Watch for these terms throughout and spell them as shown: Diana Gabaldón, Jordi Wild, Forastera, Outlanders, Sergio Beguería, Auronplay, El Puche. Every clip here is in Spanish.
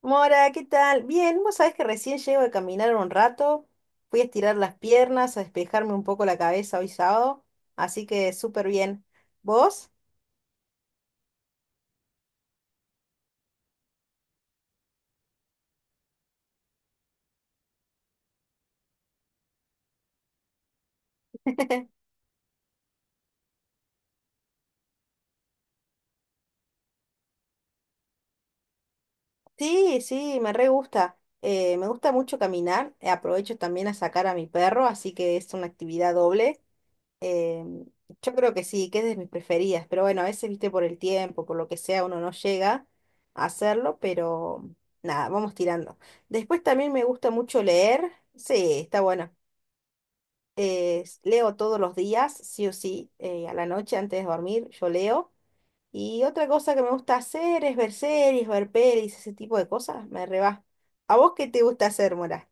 Mora, ¿qué tal? Bien, vos sabés que recién llego de caminar un rato, fui a estirar las piernas, a despejarme un poco la cabeza hoy sábado, así que súper bien. ¿Vos? Sí, sí, me re gusta. Me gusta mucho caminar, aprovecho también a sacar a mi perro, así que es una actividad doble. Em, yo creo que sí, que es de mis preferidas, pero bueno, a veces, viste, por el tiempo, por lo que sea, uno no llega a hacerlo, pero nada, vamos tirando. Después también me gusta mucho leer, sí, está bueno. Leo todos los días, sí o sí, a la noche antes de dormir, yo leo. Y otra cosa que me gusta hacer es ver series, ver pelis, ese tipo de cosas, me reba. ¿A vos qué te gusta hacer, Mora?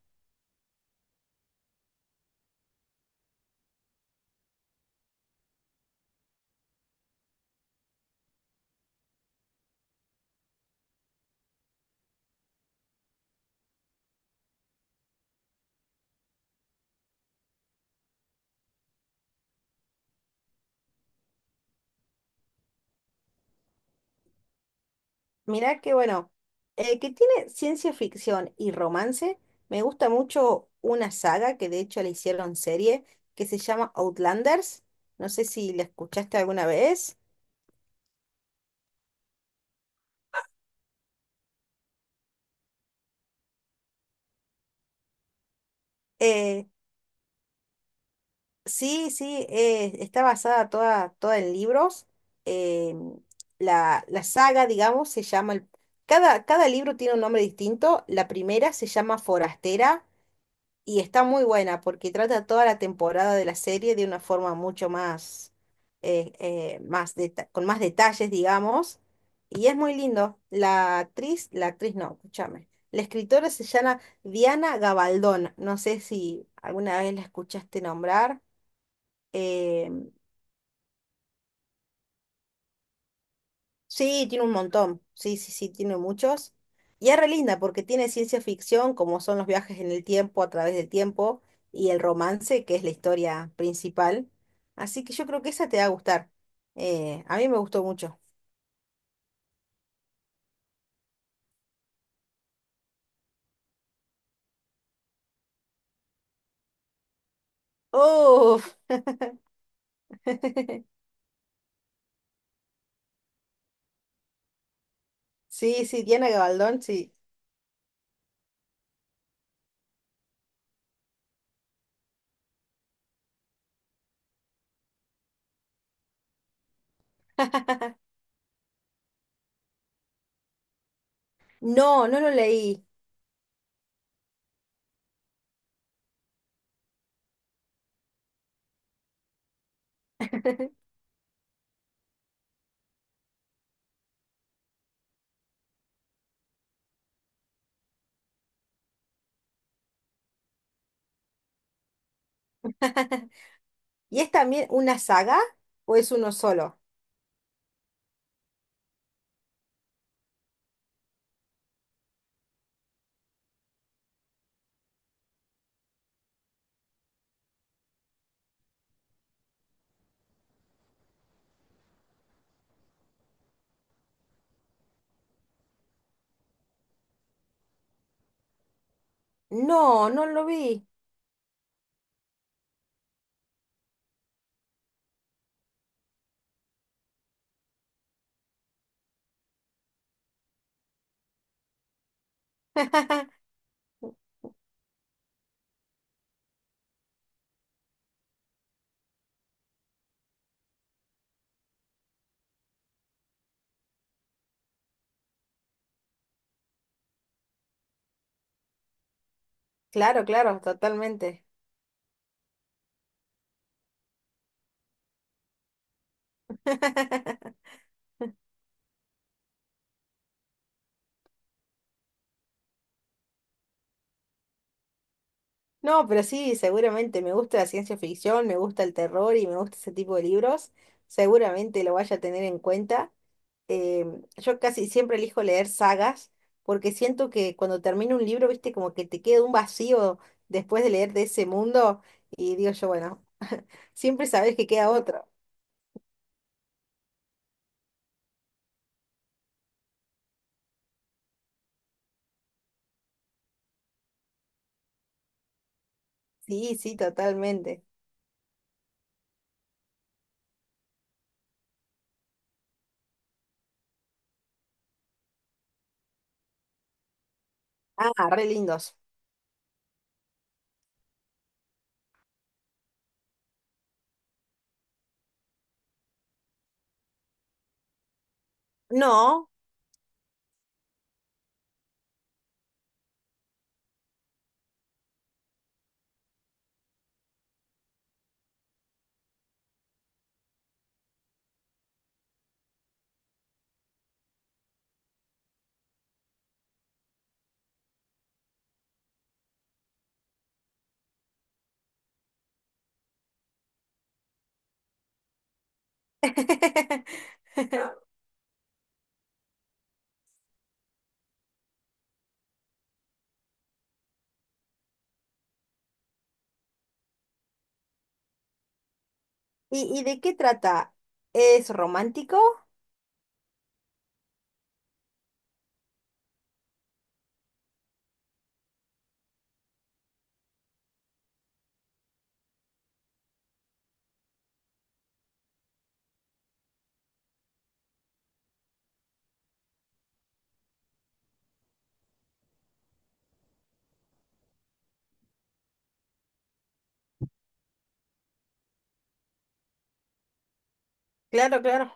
Mirá que bueno, que tiene ciencia ficción y romance, me gusta mucho una saga que de hecho la hicieron serie, que se llama Outlanders. No sé si la escuchaste alguna vez. Eh, Sí, sí, está basada toda, toda en libros. eh, la saga, digamos, se llama... cada, cada libro tiene un nombre distinto. La primera se llama Forastera y está muy buena porque trata toda la temporada de la serie de una forma mucho más, más con más detalles, digamos. Y es muy lindo. La actriz no, escúchame. La escritora se llama Diana Gabaldón. No sé si alguna vez la escuchaste nombrar. Eh, sí, tiene un montón. Sí, sí, sí, tiene muchos. Y es re linda porque tiene ciencia ficción, como son los viajes en el tiempo, a través del tiempo, y el romance, que es la historia principal. Así que yo creo que esa te va a gustar. A mí me gustó mucho. ¡Uf! Sí, sí, Diana Gabaldón, sí. No, no lo leí. ¿Y es también una saga o es uno solo? No, no lo vi. Claro, claro, totalmente. No, pero sí, seguramente me gusta la ciencia ficción, me gusta el terror y me gusta ese tipo de libros. Seguramente lo vaya a tener en cuenta. Yo casi siempre elijo leer sagas porque siento que cuando termino un libro, viste, como que te queda un vacío después de leer de ese mundo y digo yo, bueno, siempre sabes que queda otro. Sí, sí, totalmente. Ah, re lindos. No. ¿Y, y de qué trata? ¿Es romántico? Claro, claro.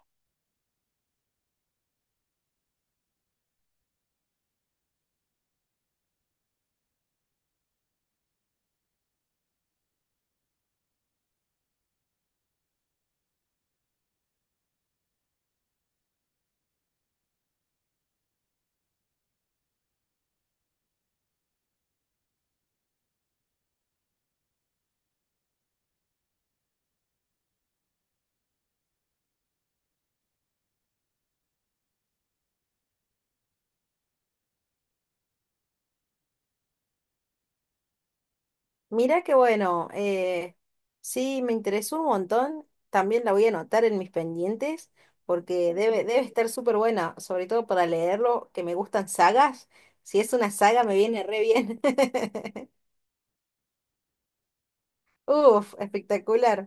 Mirá qué bueno, sí, me interesó un montón, también la voy a anotar en mis pendientes porque debe, debe estar súper buena, sobre todo para leerlo, que me gustan sagas, si es una saga me viene re bien. ¡Uf, espectacular!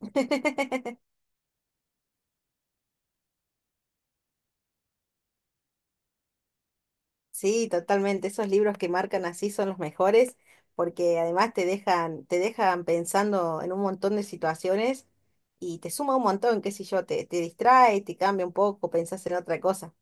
Sí, totalmente, esos libros que marcan así son los mejores porque además te dejan pensando en un montón de situaciones y te suma un montón, qué sé yo, te distrae, te cambia un poco, pensás en otra cosa.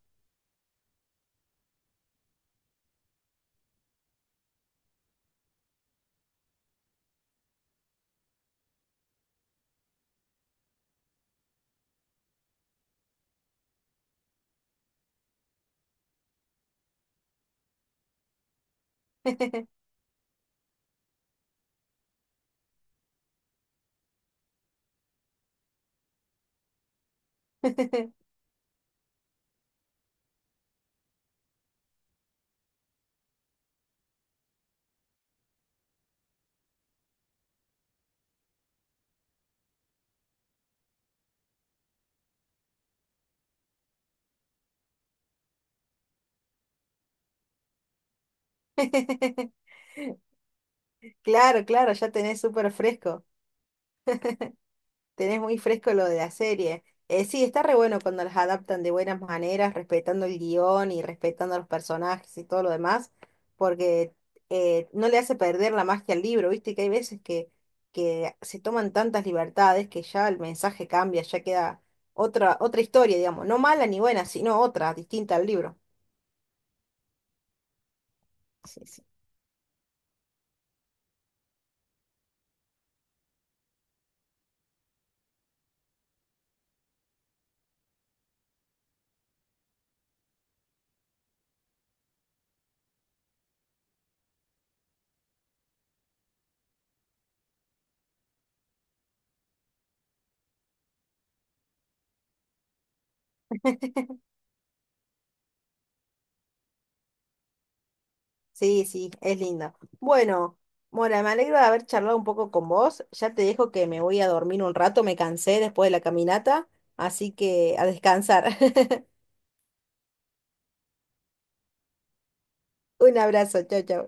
Claro, claro, ya tenés súper fresco, tenés muy fresco lo de la serie. Sí, está re bueno cuando las adaptan de buenas maneras, respetando el guión y respetando a los personajes y todo lo demás, porque no le hace perder la magia al libro, viste que hay veces que se toman tantas libertades que ya el mensaje cambia, ya queda otra, otra historia, digamos, no mala ni buena, sino otra, distinta al libro. Sí, sí. Sí, sí, es linda. Bueno, Mora, me alegro de haber charlado un poco con vos. Ya te dejo que me voy a dormir un rato, me cansé después de la caminata, así que a descansar. Un abrazo, chau, chau.